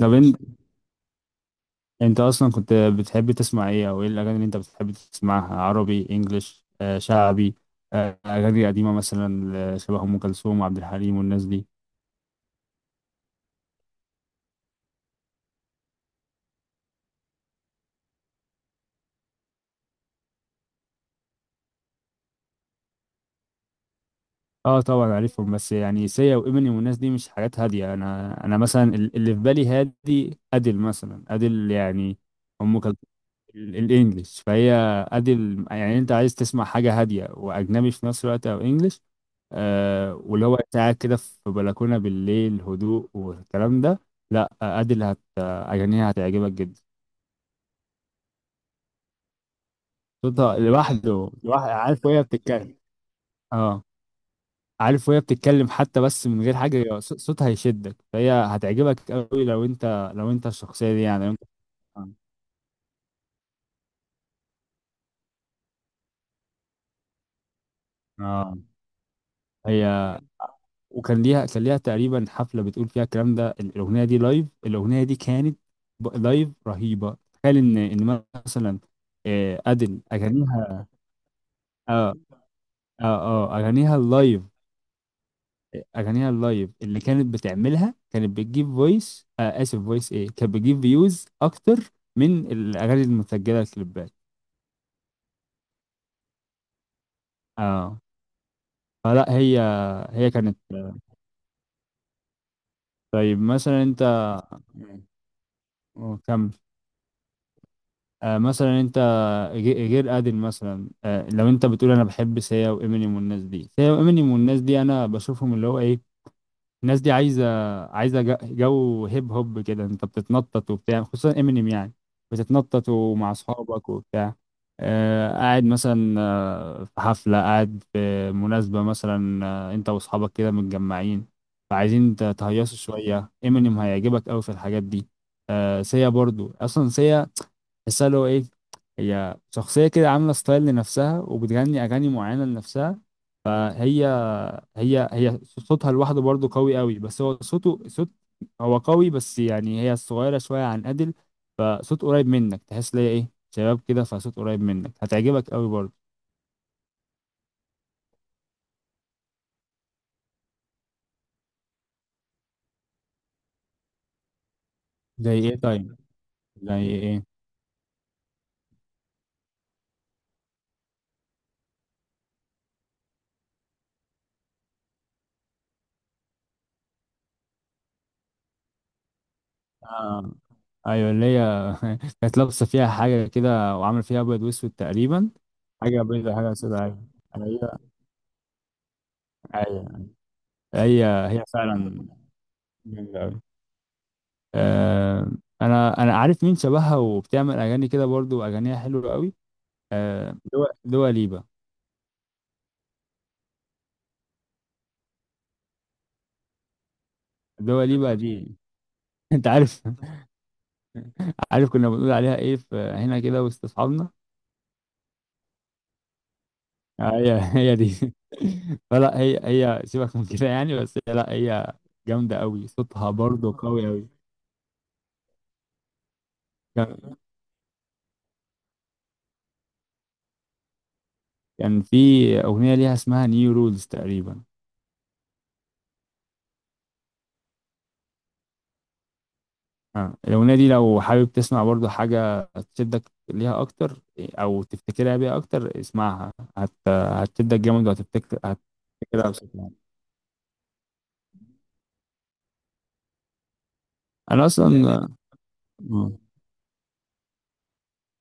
طب انت اصلا كنت بتحب تسمع ايه او ايه الاغاني اللي انت بتحب تسمعها؟ عربي، انجليش، شعبي؟ اغاني قديمه مثلا، شبه ام كلثوم وعبد الحليم والناس دي؟ اه طبعا عارفهم، بس يعني سيا وامينيم والناس دي مش حاجات هاديه. انا مثلا اللي في بالي هادي، ادل مثلا، ادل يعني ام كلثوم. الانجليش، فهي ادي يعني انت عايز تسمع حاجه هاديه واجنبي في نفس الوقت او انجليش. آه، واللي هو أنت قاعد كده في بلكونه بالليل، هدوء والكلام ده. لا ادي اللي هت اغانيها هتعجبك جدا. صوتها لوحده، لوحده، عارف وهي بتتكلم. اه، عارف وهي بتتكلم حتى، بس من غير حاجه صوتها هيشدك. فهي هتعجبك قوي لو انت، لو انت الشخصيه دي يعني، لو انت. اه، هي. وكان ليها تقريبا حفله بتقول فيها الكلام ده. الاغنيه دي لايف، الاغنيه دي كانت لايف رهيبه. تخيل ان مثلا، ادل اغانيها. اه اه اغانيها اللايف، اغانيها اللايف اللي كانت بتعملها كانت بتجيب فويس، اسف فويس ايه، كانت بتجيب فيوز اكتر من الاغاني المسجله الكليبات. اه، فلا هي كانت. طيب مثلا انت. مم. كمل. مثلا انت، غير ادل مثلا. لو انت بتقول انا بحب سيا وامينيم والناس دي، سيا وامينيم والناس دي انا بشوفهم اللي هو ايه، الناس دي عايزه، عايزه جو هيب هوب كده. انت بتتنطط وبتاع، خصوصا امينيم يعني. بتتنطط ومع اصحابك وبتاع. قاعد مثلا، في حفله، قاعد في مناسبه مثلا، انت واصحابك كده متجمعين، فعايزين تهيصوا شويه، امينيم هيعجبك قوي في الحاجات دي. سيا برضو، اصلا سيا تحسها اللي هو ايه، هي شخصية كده عاملة ستايل لنفسها وبتغني أغاني معينة لنفسها. فهي، هي صوتها لوحده برضه قوي قوي، بس هو صوته صوت، هو قوي، بس يعني هي صغيرة شوية عن أديل، فصوت قريب منك، تحس ليا إيه شباب كده، فصوت قريب منك هتعجبك قوي برضه. زي إيه طيب؟ زي إيه؟ آه، أيوة اللي هي، كانت لابسة فيها حاجة كده وعاملة فيها أبيض وأسود تقريبا. حاجة بيضة حاجة سوداء. أيوة أيوة. أيوة هي فعلا. جميل أوي. آه، انا عارف مين شبهها وبتعمل اغاني كده برضو واغانيها حلوه قوي. آه، دوا ليبا. دوا ليبا دي انت عارف. عارف كنا بنقول عليها ايه في هنا كده وسط اصحابنا؟ آه، هي دي. فلا هي سيبك من كده يعني. بس هي- لا هي جامده قوي، صوتها برضو قوي قوي. كان كان في اغنيه ليها اسمها نيو رولز تقريبا. آه، الأغنية دي لو حابب تسمع برضو حاجة تشدك ليها أكتر أو تفتكرها بيها أكتر، اسمعها، هتشدك جامد، هتفتكرها بشكل عام. أنا أصلا جامد. آه.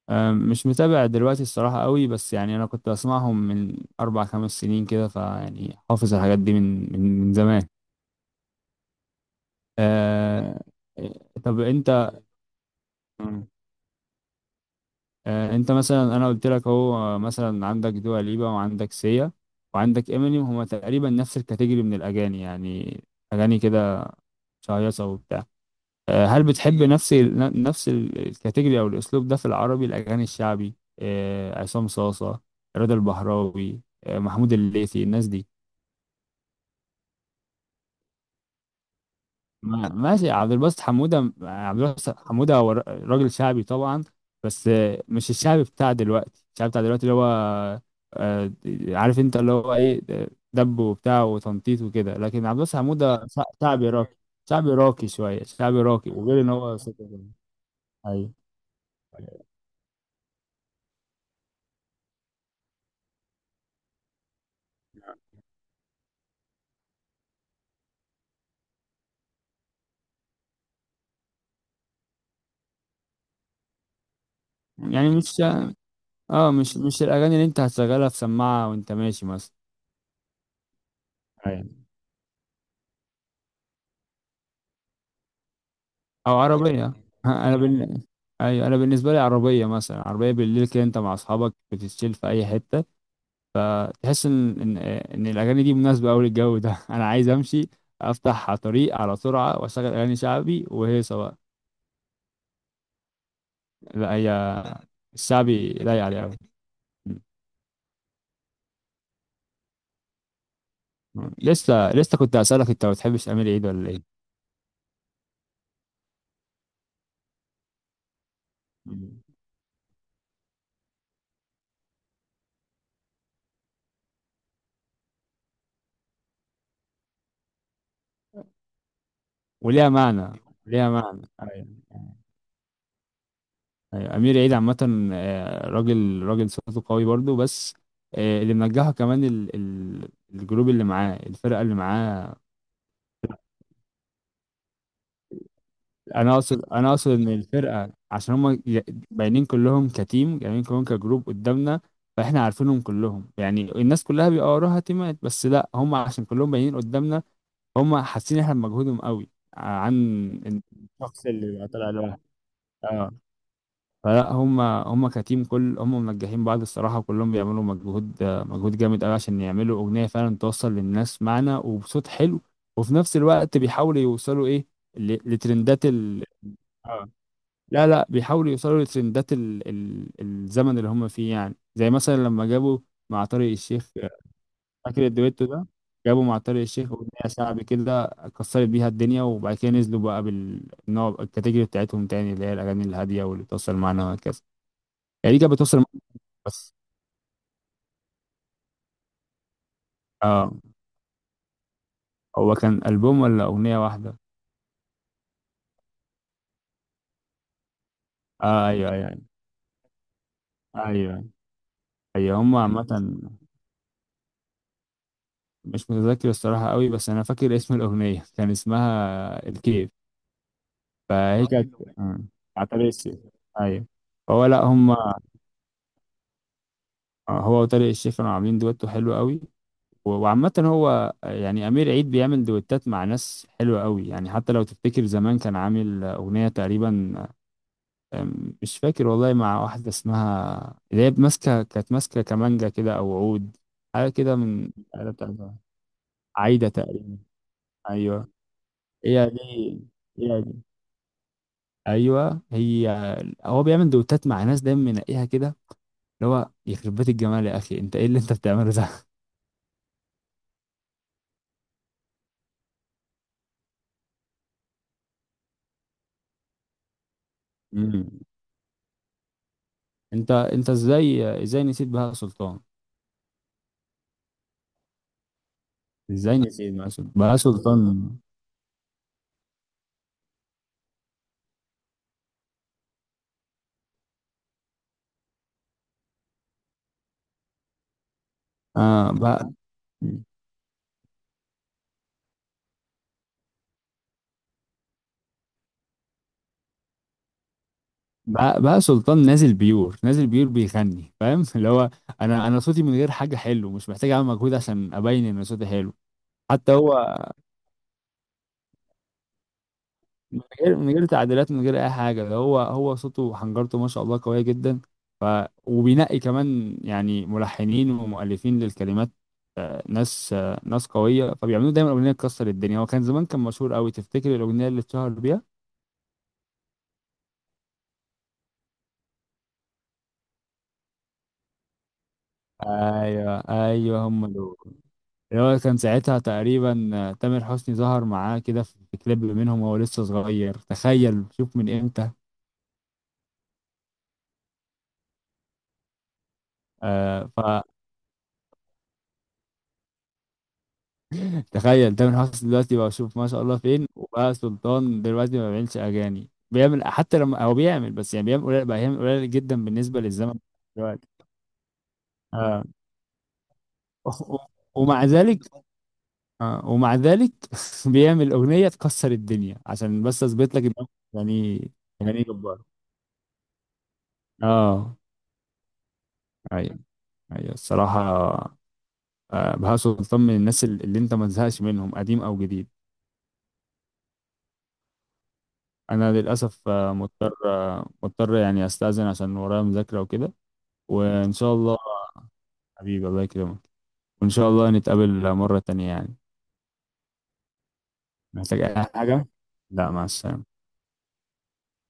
مش متابع دلوقتي الصراحة قوي، بس يعني أنا كنت بسمعهم من أربع خمس سنين كده، فيعني حافظ الحاجات دي من زمان. آه... طب أنت، انت مثلا انا قلت لك اهو، مثلا عندك دوا ليبا وعندك سيا وعندك امينيم، هما تقريبا نفس الكاتيجوري من الاغاني يعني. اغاني كده شهيصه وبتاع. هل بتحب نفس الكاتيجوري او الاسلوب ده في العربي؟ الاغاني الشعبي، عصام صاصه، رضا البحراوي، محمود الليثي، الناس دي؟ ماشي، عبد الباسط حمودة. عبد الباسط حمودة هو راجل شعبي طبعا، بس مش الشعبي بتاع دلوقتي. الشعبي بتاع دلوقتي اللي هو، آه، عارف انت اللي هو ايه، دب وبتاع وتنطيط وكده، لكن عبد الباسط حمودة شعبي راقي. شعبي راقي شوية، شعبي راقي، وغير ان هو صوته جميل. ايوه، يعني مش، اه مش الاغاني اللي انت هتشغلها في سماعة وانت ماشي مثلا، او انت عربية. ها، ايوه انا بالنسبة لي عربية مثلا. عربية بالليل كده، انت مع اصحابك بتتشيل في اي حتة، تحس ان الاغاني دي مناسبة قوي للجو ده. انا عايز امشي، افتح على طريق على سرعة، واشغل اغاني شعبي وهيصة بقى. لا هي الشعبي لايق عليه قوي. لسه كنت اسالك، انت ما بتحبش امير عيد ولا ايه؟ م. وليها معنى. ليها معنى، ايوه. أيوة، امير عيد عامه، راجل صوته قوي برضو، بس اللي منجحه كمان ال الجروب اللي معاه، الفرقه اللي معاه. انا اقصد ان الفرقه عشان هم باينين كلهم كتيم، باينين كلهم كجروب قدامنا، فاحنا عارفينهم كلهم يعني. الناس كلها بيبقى وراها تيمات، بس لا هم عشان كلهم باينين قدامنا، هم حاسين احنا بمجهودهم قوي عن الشخص اللي بيبقى طالع لوحده. آه. فلا هم كتيم، كل هم منجحين بعض الصراحة. كلهم بيعملوا مجهود، مجهود جامد قوي، عشان يعملوا أغنية فعلا توصل للناس معنى وبصوت حلو، وفي نفس الوقت بيحاولوا يوصلوا إيه، لترندات ال، آه. لا لا، بيحاولوا يوصلوا لترندات الزمن اللي هم فيه، يعني زي مثلا لما جابوا مع طارق الشيخ. فاكر الدويتو ده؟ جابوا مع طارق الشيخ أغنية شعبي كده كسرت بيها الدنيا، وبعد كده نزلوا بقى بالنوع الكاتيجوري بتاعتهم تاني، اللي هي الأغاني الهادية واللي توصل معانا وهكذا. يعني دي كانت بتوصل، بس اه. هو كان ألبوم ولا أغنية واحدة؟ آه أيوه. أيوه أيوه. أيوه هما عامة، مش متذكر الصراحة قوي، بس أنا فاكر اسم الأغنية كان اسمها الكيف. فهي كانت، بتاع طارق الشيخ، أيوه. هو لا هما، هو وطارق الشيخ كانوا عاملين دويتو حلو قوي. وعامة هو، يعني أمير عيد بيعمل دويتات مع ناس حلوة قوي. يعني حتى لو تفتكر زمان كان عامل أغنية تقريبا، مش فاكر والله، مع واحدة اسمها اللي هي ماسكة، كانت ماسكة كمانجا كده أو عود، حاجة كده من الآلة بتاعتها. عايدة تقريبا. أيوه هي دي، هي دي، أيوه هي. هو بيعمل دوتات مع ناس دايما منقيها كده، اللي هو يخرب بيت الجمال، يا أخي أنت إيه اللي أنت بتعمله ده؟ مم. أنت إزاي نسيت بهاء سلطان؟ إزاي نسيت بهاء سلطان؟ بهاء سلطان. آه بقى. بقى سلطان نازل بيور، نازل بيور بيغني، فاهم؟ اللي هو انا صوتي من غير حاجه حلو، مش محتاج اعمل مجهود عشان ابين ان صوتي حلو. حتى هو من غير، من غير تعديلات، من غير اي حاجه، ده هو، هو صوته وحنجرته ما شاء الله قويه جدا. ف، وبينقي كمان يعني ملحنين ومؤلفين للكلمات، ناس، قويه. فبيعملوا دايما اغنيه تكسر الدنيا. هو كان زمان كان مشهور قوي، تفتكر الاغنيه اللي اتشهر بيها؟ ايوه ايوه هم دول، اللي هو كان ساعتها تقريبا، تامر حسني ظهر معاه كده في كليب منهم وهو لسه صغير، تخيل شوف من امتى. آه. فتخيل تامر حسني دلوقتي بقى، شوف ما شاء الله فين، وبقى سلطان دلوقتي ما بيعملش اغاني، بيعمل، حتى لما هو بيعمل بس يعني بيعمل قليل بقى، يعمل قليل جدا بالنسبة للزمن دلوقتي. آه. و- ومع ذلك، آه ومع ذلك بيعمل أغنية تكسر الدنيا عشان بس أثبت لك إن هو يعني، يعني جبار. اه ايوه. ايوه الصراحة. بهاء سلطان من الناس اللي انت ما تزهقش منهم، قديم او جديد. انا للاسف، مضطر، مضطر يعني استاذن عشان ورايا مذاكره وكده. وان شاء الله. حبيبي الله يكرمك. وان شاء الله نتقابل مره تانية يعني. محتاج اي حاجه؟ لا، مع السلامه.